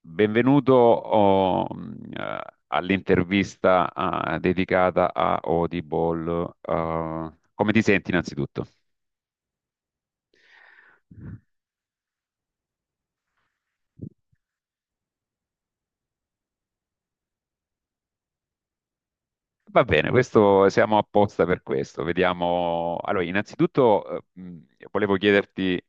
Benvenuto all'intervista dedicata a Audible. Ah, come ti senti innanzitutto? Va bene, questo, siamo apposta per questo. Vediamo. Allora, innanzitutto volevo chiederti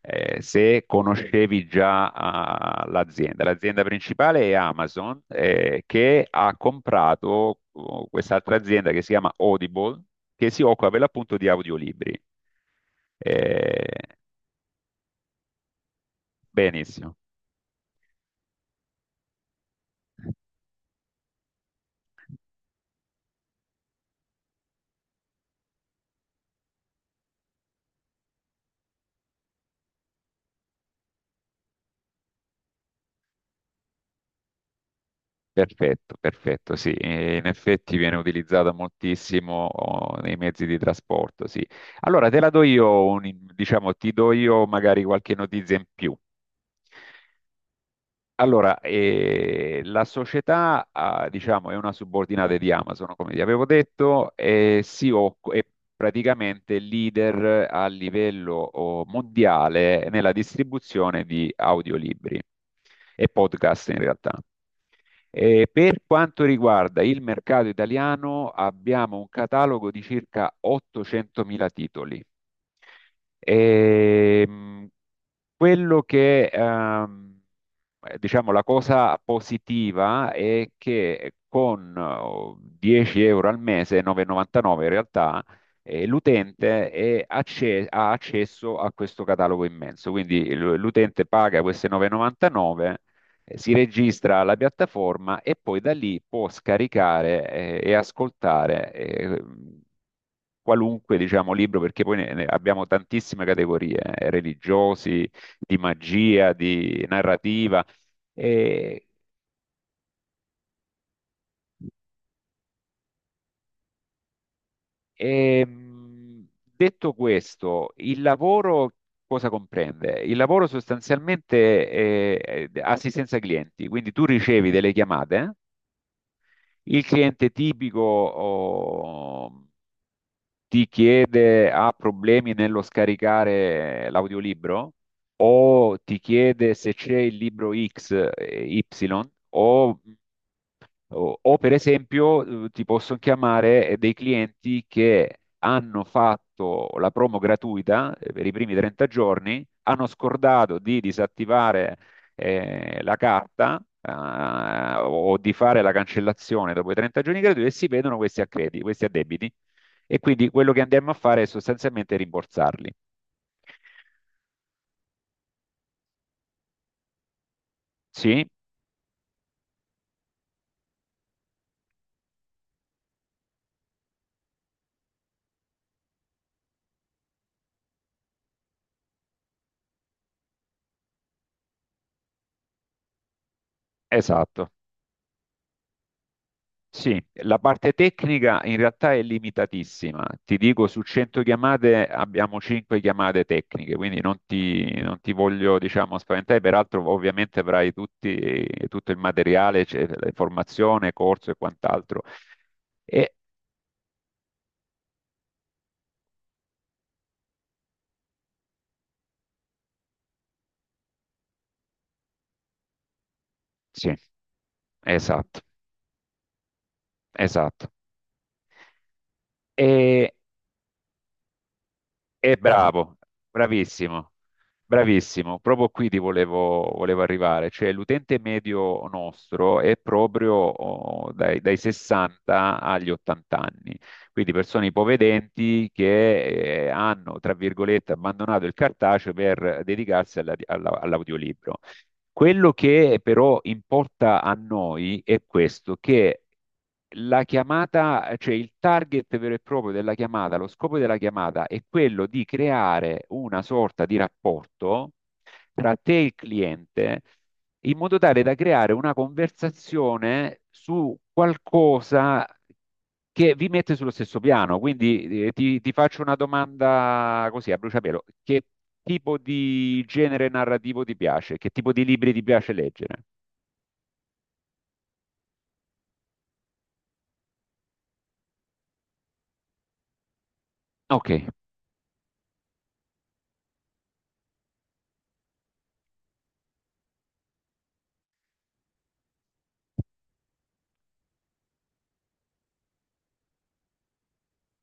se conoscevi già l'azienda. L'azienda principale è Amazon, che ha comprato quest'altra azienda che si chiama Audible, che si occupa per l'appunto di audiolibri. Eh, benissimo. Perfetto, perfetto, sì. In effetti viene utilizzata moltissimo nei mezzi di trasporto, sì. Allora te la do io, diciamo, ti do io magari qualche notizia in più. Allora, la società, diciamo, è una subordinata di Amazon, come vi avevo detto, e è praticamente leader a livello mondiale nella distribuzione di audiolibri e podcast in realtà. Per quanto riguarda il mercato italiano, abbiamo un catalogo di circa 800.000 titoli. Ehm, quello che diciamo, la cosa positiva è che con 10 euro al mese, 9,99 in realtà, l'utente ha accesso a questo catalogo immenso. Quindi l'utente paga queste 9,99, si registra alla piattaforma e poi da lì può scaricare, e ascoltare. Qualunque, diciamo, libro, perché poi ne abbiamo tantissime categorie, religiosi, di magia, di narrativa, e, ehm, detto questo, il lavoro cosa comprende? Il lavoro sostanzialmente è assistenza ai clienti, quindi tu ricevi delle chiamate, il cliente tipico ti chiede, ha problemi nello scaricare l'audiolibro o ti chiede se c'è il libro X, Y o per esempio, ti posso chiamare dei clienti che hanno fatto la promo gratuita per i primi 30 giorni, hanno scordato di disattivare la carta o di fare la cancellazione dopo i 30 giorni gratuiti e si vedono questi accrediti, questi addebiti. E quindi quello che andiamo a fare è sostanzialmente rimborsarli. Sì, esatto. Sì, la parte tecnica in realtà è limitatissima. Ti dico, su 100 chiamate abbiamo 5 chiamate tecniche, quindi non ti voglio, diciamo, spaventare. Peraltro, ovviamente avrai tutto il materiale, cioè, la formazione, corso e quant'altro. E, sì, esatto, esatto. E, Bravo, bravo, bravissimo. Bravissimo, proprio qui ti volevo arrivare, cioè l'utente medio nostro è proprio dai, dai 60 agli 80 anni, quindi persone ipovedenti che hanno, tra virgolette, abbandonato il cartaceo per dedicarsi all'audiolibro. Quello che però importa a noi è questo, che la chiamata, cioè il target vero e proprio della chiamata, lo scopo della chiamata è quello di creare una sorta di rapporto tra te e il cliente in modo tale da creare una conversazione su qualcosa che vi mette sullo stesso piano. Quindi ti faccio una domanda così a bruciapelo. Che tipo di genere narrativo ti piace? Che tipo di libri ti piace leggere? Ok,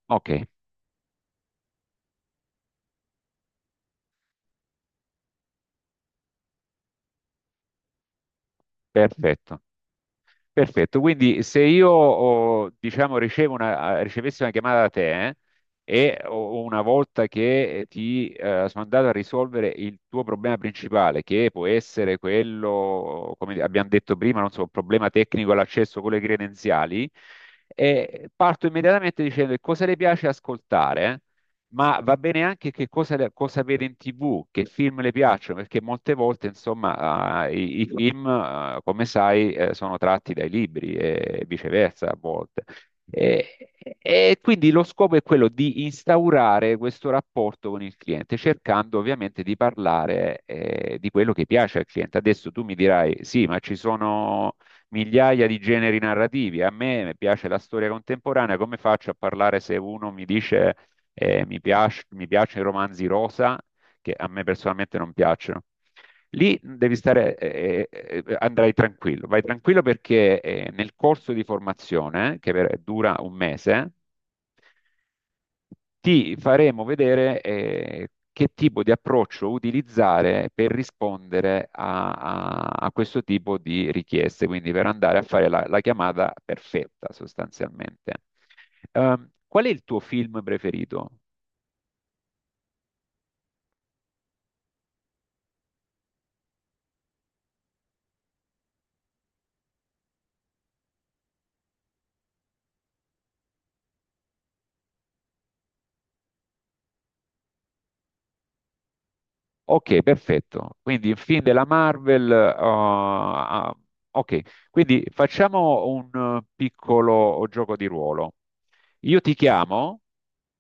ok, perfetto. Perfetto, quindi se io diciamo, ricevessi una chiamata da te una volta che ti sono andato a risolvere il tuo problema principale, che può essere quello, come abbiamo detto prima, non so, un problema tecnico all'accesso con le credenziali, parto immediatamente dicendo che cosa le piace ascoltare, ma va bene anche che cosa vede in TV, che film le piacciono, perché molte volte, insomma, i film, come sai, sono tratti dai libri e viceversa a volte. E, quindi lo scopo è quello di instaurare questo rapporto con il cliente, cercando ovviamente di parlare, di quello che piace al cliente. Adesso tu mi dirai, sì, ma ci sono migliaia di generi narrativi. A me piace la storia contemporanea, come faccio a parlare se uno mi dice mi piacciono i romanzi rosa, che a me personalmente non piacciono. Lì devi stare, vai tranquillo perché nel corso di formazione, che dura 1 mese, ti faremo vedere che tipo di approccio utilizzare per rispondere a questo tipo di richieste, quindi per andare a fare la chiamata perfetta sostanzialmente. Qual è il tuo film preferito? Ok, perfetto. Quindi il film della Marvel. Ok, quindi facciamo un piccolo gioco di ruolo. Io ti chiamo,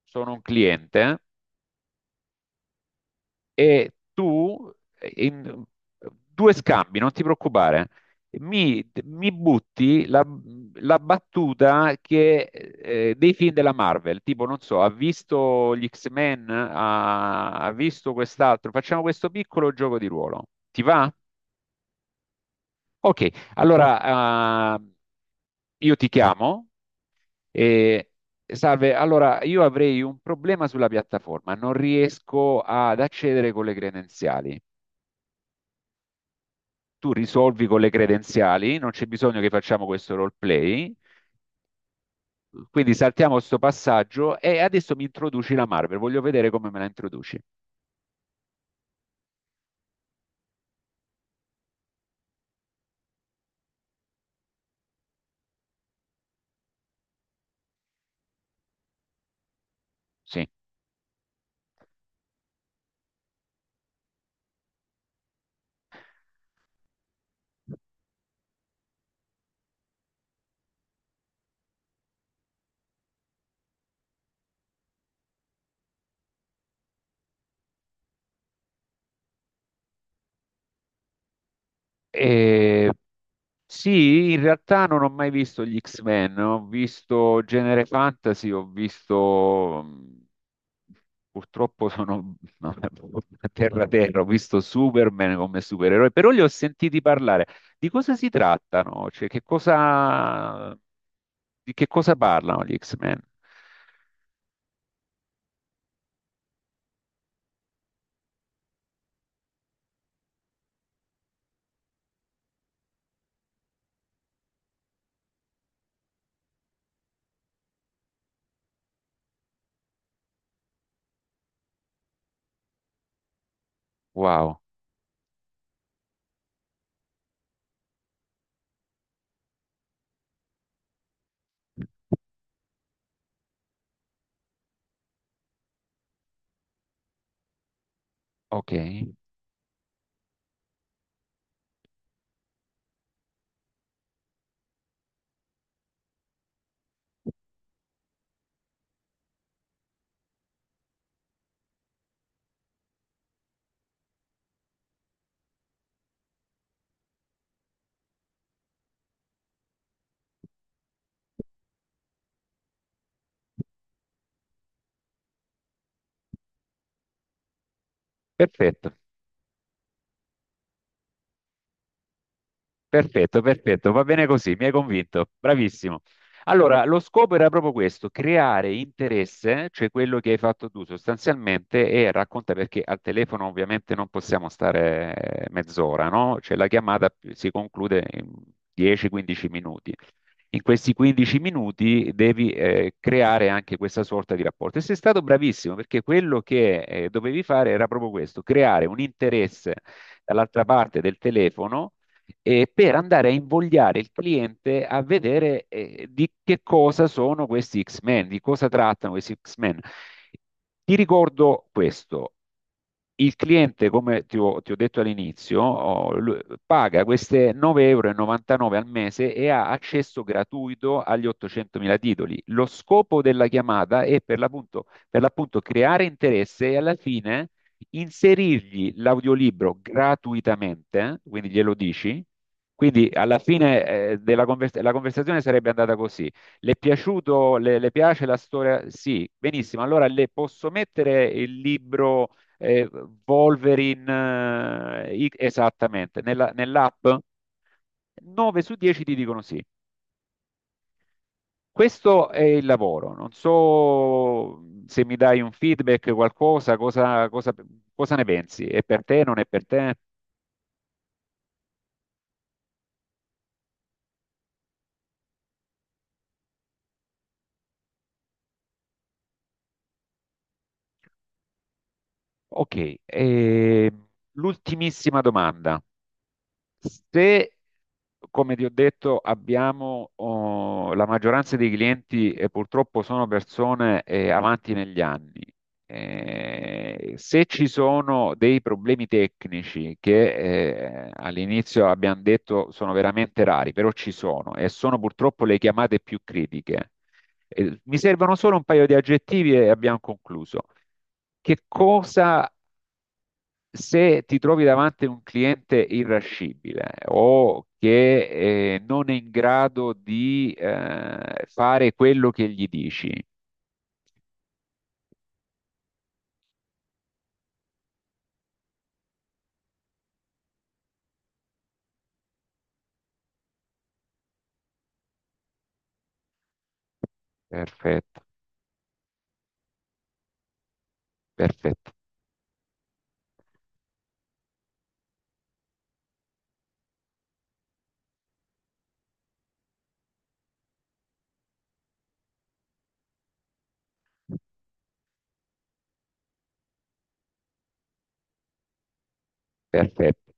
sono un cliente e tu in due scambi, non ti preoccupare, mi butti la battuta che, dei film della Marvel, tipo, non so, ha visto gli X-Men, ha visto quest'altro, facciamo questo piccolo gioco di ruolo. Ti va? Ok, allora io ti chiamo e salve, allora io avrei un problema sulla piattaforma, non riesco ad accedere con le credenziali. Tu risolvi con le credenziali, non c'è bisogno che facciamo questo roleplay. Quindi saltiamo questo passaggio e adesso mi introduci la Marvel, voglio vedere come me la introduci. Sì. E- sì, in realtà non ho mai visto gli X-Men, ho visto genere fantasy, purtroppo sono a terra terra, ho visto Superman come supereroe, però li ho sentiti parlare. Di cosa si trattano? Cioè, che cosa... Di che cosa parlano gli X-Men? Wow, ok, perfetto. Perfetto, perfetto, va bene così, mi hai convinto, bravissimo. Allora, lo scopo era proprio questo, creare interesse, cioè quello che hai fatto tu sostanzialmente, e racconta perché al telefono ovviamente non possiamo stare mezz'ora, no? Cioè la chiamata si conclude in 10-15 minuti. In questi 15 minuti devi creare anche questa sorta di rapporto. E sei stato bravissimo perché quello che dovevi fare era proprio questo, creare un interesse dall'altra parte del telefono per andare a invogliare il cliente a vedere di che cosa sono questi X-Men, di cosa trattano questi X-Men. Ti ricordo questo. Il cliente, come ti ho detto all'inizio, lui paga queste 9,99 euro al mese e ha accesso gratuito agli 800.000 titoli. Lo scopo della chiamata è per l'appunto creare interesse e alla fine inserirgli l'audiolibro gratuitamente, quindi glielo dici. Quindi alla fine la conversazione sarebbe andata così. Le è piaciuto, le piace la storia? Sì, benissimo. Allora le posso mettere il libro eh, Wolverine esattamente nell'app? 9 su 10 ti dicono sì. Questo è il lavoro, non so se mi dai un feedback, qualcosa, cosa ne pensi? È per te, non è per te? Ok, e l'ultimissima domanda. Se come ti ho detto, abbiamo la maggioranza dei clienti e purtroppo sono persone avanti negli anni. Se ci sono dei problemi tecnici che all'inizio abbiamo detto sono veramente rari, però ci sono e sono purtroppo le chiamate più critiche. Mi servono solo un paio di aggettivi e abbiamo concluso. Che cosa se ti trovi davanti un cliente irascibile o che non è in grado di fare quello che gli dici, perfetto, perfetto, perfetto.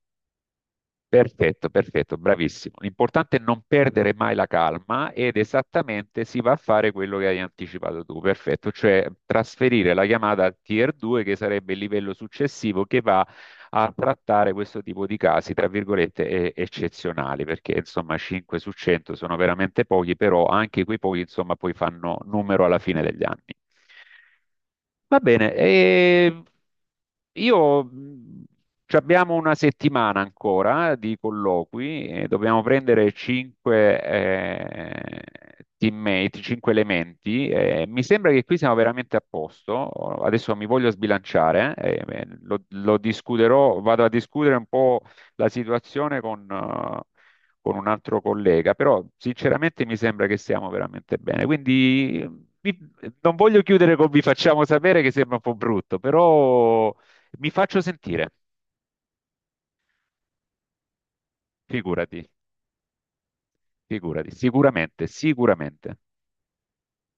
Perfetto, perfetto, bravissimo. L'importante è non perdere mai la calma ed esattamente si va a fare quello che hai anticipato tu, perfetto, cioè trasferire la chiamata al tier 2 che sarebbe il livello successivo che va a trattare questo tipo di casi, tra virgolette, eccezionali, perché insomma 5 su 100 sono veramente pochi, però anche quei pochi insomma poi fanno numero alla fine degli anni. Va bene, e io ci abbiamo una settimana ancora di colloqui e dobbiamo prendere 5 teammate, 5 elementi. Eh, mi sembra che qui siamo veramente a posto. Adesso mi voglio sbilanciare, lo discuterò, vado a discutere un po' la situazione con un altro collega, però sinceramente mi sembra che siamo veramente bene. Quindi vi- non voglio chiudere con vi facciamo sapere che sembra un po' brutto, però mi faccio sentire. Figurati, figurati, sicuramente, sicuramente.